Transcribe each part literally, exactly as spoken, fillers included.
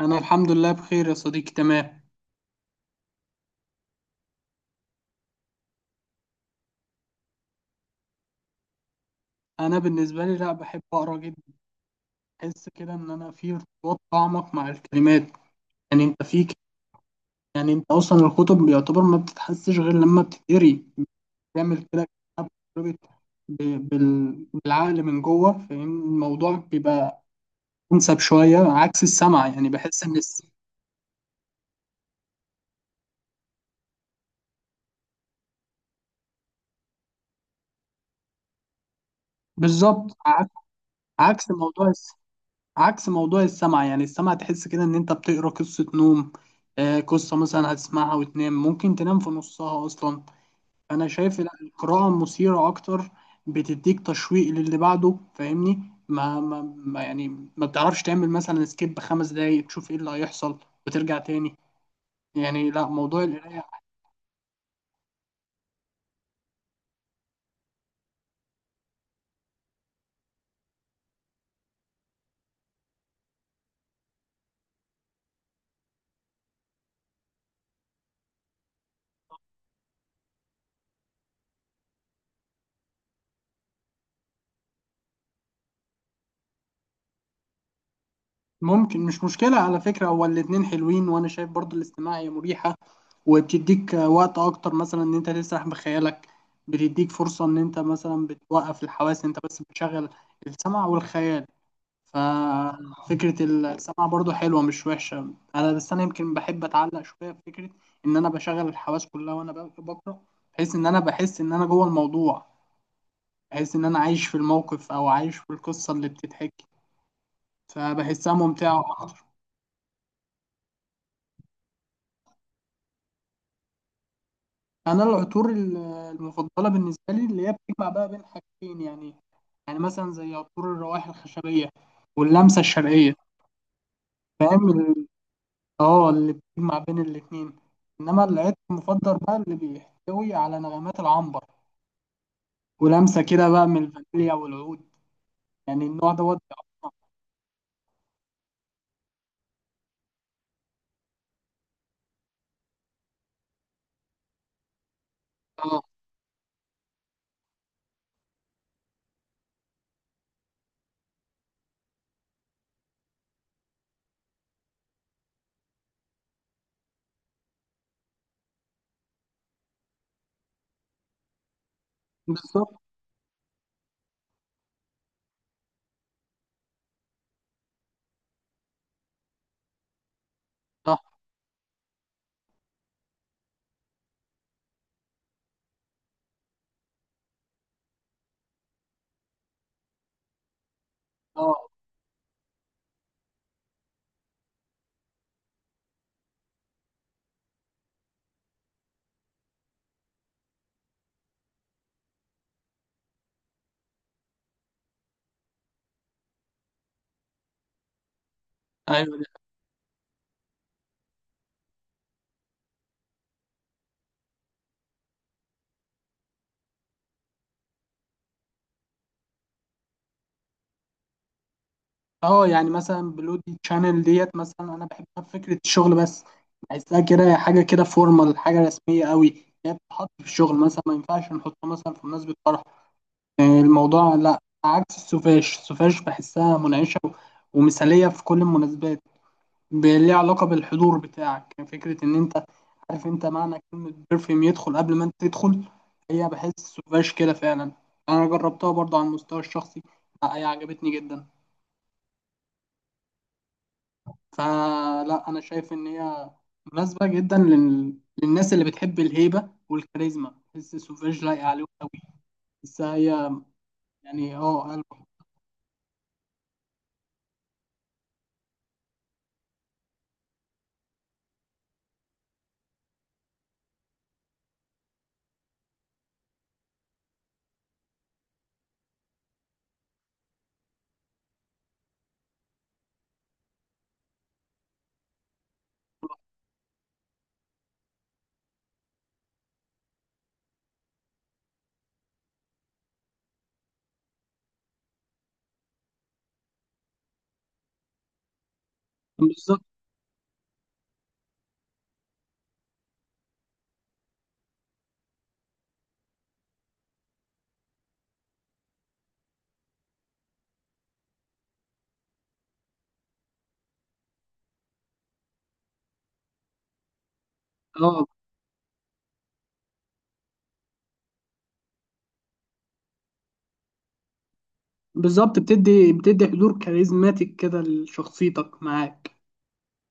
انا الحمد لله بخير يا صديقي. تمام. انا بالنسبه لي، لا، بحب اقرا جدا. بحس كده ان انا في ارتباط اعمق مع الكلمات. يعني انت فيك. يعني انت اصلا الكتب بيعتبر ما بتتحسش غير لما بتتقري. بتعمل كده كأنها بتتربط ب- بال- بالعقل من جوه. فاهم الموضوع؟ بيبقى انسب شويه عكس السمع. يعني بحس ان الس... بالظبط. عك- عكس موضوع، عكس موضوع السمع. يعني السمع تحس كده ان انت بتقرا قصة نوم. آه، قصة مثلا هتسمعها وتنام، ممكن تنام في نصها اصلا. انا شايف لا، القراءة مثيرة اكتر. بتديك تشويق للي بعده. فاهمني؟ ما, ما, ما يعني ما بتعرفش تعمل مثلا سكيب خمس دقايق تشوف ايه اللي هيحصل وترجع تاني. يعني لا، موضوع القراية ممكن مش مشكلة على فكرة، هو الاتنين حلوين، وأنا شايف برضو الاستماع هي مريحة. وبتديك وقت أكتر مثلا إن أنت تسرح بخيالك. بتديك فرصة إن أنت مثلا بتوقف الحواس، أنت بس بتشغل السمع والخيال. ففكرة السمع برضو حلوة، مش وحشة. أنا بس أنا يمكن بحب أتعلق شوية بفكرة إن أنا بشغل الحواس كلها وأنا ب- بقرأ. بحيث إن أنا بحس إن أنا جوه الموضوع. بحيث إن أنا عايش في الموقف أو عايش في القصة اللي بتتحكي. فبحسها ممتعة. انا العطور ال- المفضله بالنسبه لي اللي هي بتجمع بقى بين حاجتين. يعني يعني مثلا زي عطور الروائح الخشبيه واللمسه الشرقيه. فاهم ال- اه، اللي بتجمع بين الاتنين. انما العطر المفضل بقى اللي بيحتوي على نغمات العنبر ولمسه كده بقى من الفانيليا والعود. يعني النوع دوت. اه، بالظبط. اه. اه. ايوه. اه، يعني مثلا بلودي تشانل ديت مثلا انا بحبها فكره الشغل بس. بحسها كده حاجه كده فورمال، حاجه رسميه قوي. هي بتتحط في الشغل مثلا، ما ينفعش نحطها مثلا في مناسبه فرح. آه، الموضوع لا. عكس السوفاش، السوفاش بحسها منعشه و- ومثاليه في كل المناسبات. ب- ليها علاقه بالحضور بتاعك. يعني فكره ان انت عارف انت معنى كلمه بيرفيوم؟ يدخل قبل ما انت تدخل. هي بحس السوفاش كده فعلا. انا جربتها برضه على المستوى الشخصي، لا هي عجبتني جدا. فلا، انا شايف ان هي مناسبه جدا لل... للناس اللي بتحب الهيبه والكاريزما. بحس سوفيج لايقه عليهم قوي. بحسها هي يعني اه، قلب. بالظبط. اه، بالظبط، بتدي بتدي حضور كاريزماتيك كده لشخصيتك معاك.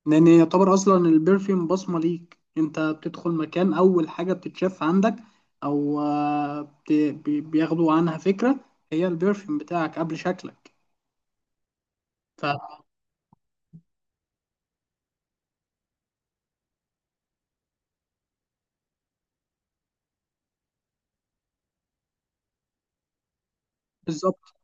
لان يعتبر اصلا البرفيوم بصمه ليك. انت بتدخل مكان اول حاجه بتتشاف عندك او آه، بت... بي- بياخدوا عنها فكره. هي البرفيوم بتاعك قبل شكلك. فبالظبط.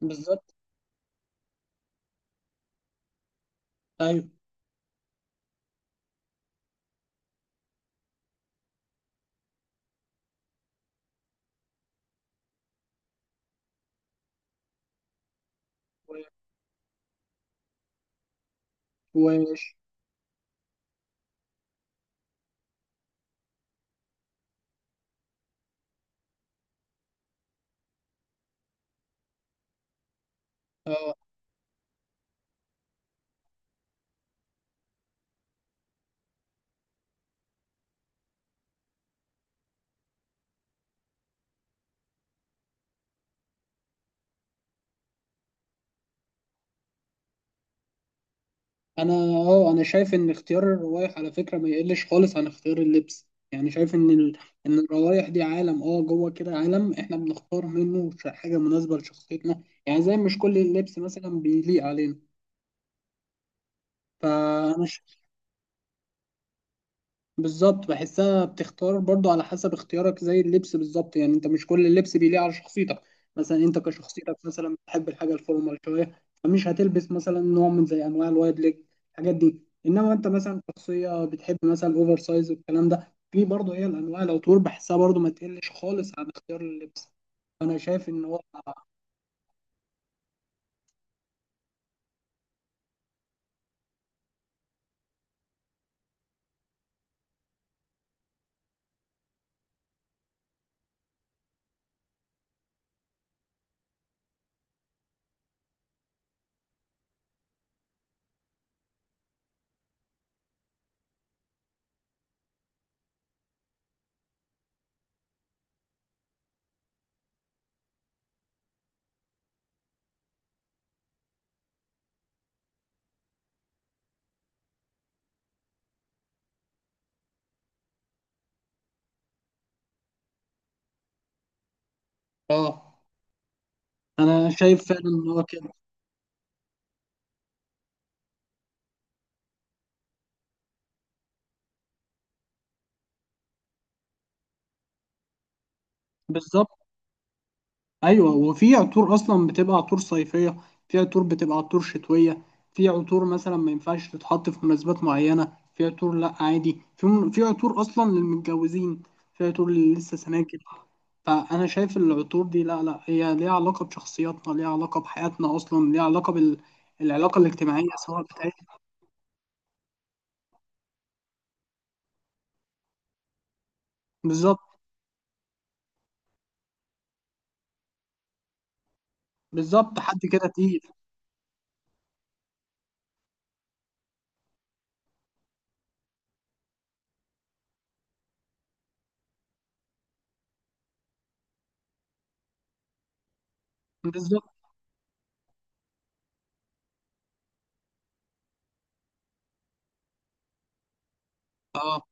بالظبط. ايوه. وش. آه. انا اه، انا شايف ان اختيار الروايح على فكره ما يقلش خالص عن اختيار اللبس. يعني شايف ان ال... ان الروايح دي عالم اه، جوه كده، عالم احنا بنختار منه ش- حاجه مناسبه لشخصيتنا. يعني زي مش كل اللبس مثلا بيليق علينا. فانا بالظبط بحسها بتختار برضو على حسب اختيارك زي اللبس بالظبط. يعني انت مش كل اللبس بيليق على شخصيتك. مثلا انت كشخصيتك مثلا بتحب الحاجه الفورمال شويه، فمش هتلبس مثلا نوع من زي انواع الوايد ليج الحاجات دي. انما انت مثلا شخصيه بتحب مثلا الاوفر سايز والكلام ده. في برضو هي الانواع لو طول. بحسها برضو ما تقلش خالص عن اختيار اللبس. انا شايف ان هو اه، انا شايف فعلا ان هو كده. بالظبط. ايوه، وفي عطور اصلا بتبقى عطور صيفيه، في عطور بتبقى عطور شتويه. في عطور مثلا ما ينفعش تتحط في مناسبات معينه، في عطور لا عادي. في في عطور اصلا للمتجوزين، في عطور اللي لسه سناجب. فانا شايف العطور دي لا، لا هي ليها علاقه بشخصياتنا، ليها علاقه بحياتنا اصلا، ليها علاقه بال... العلاقه الاجتماعيه سواء بتاعت. بالظبط. بالظبط، حد كده تقيل. بالظبط. اه.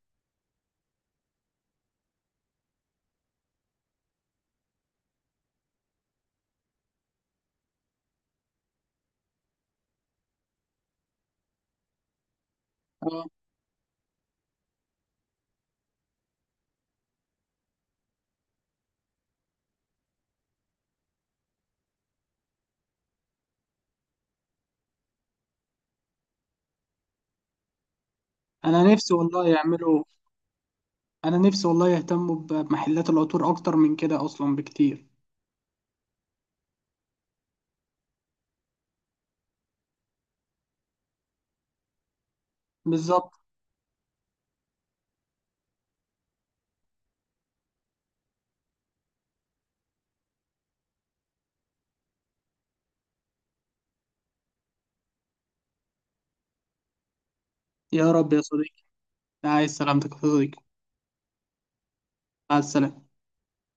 اه، انا نفسي والله يعملوا، انا نفسي والله يهتموا ب- بمحلات العطور اكتر من كده اصلا بكتير. بالظبط. يا رب يا صديقي. عايز سلامتك يا صديقي. مع السلامة.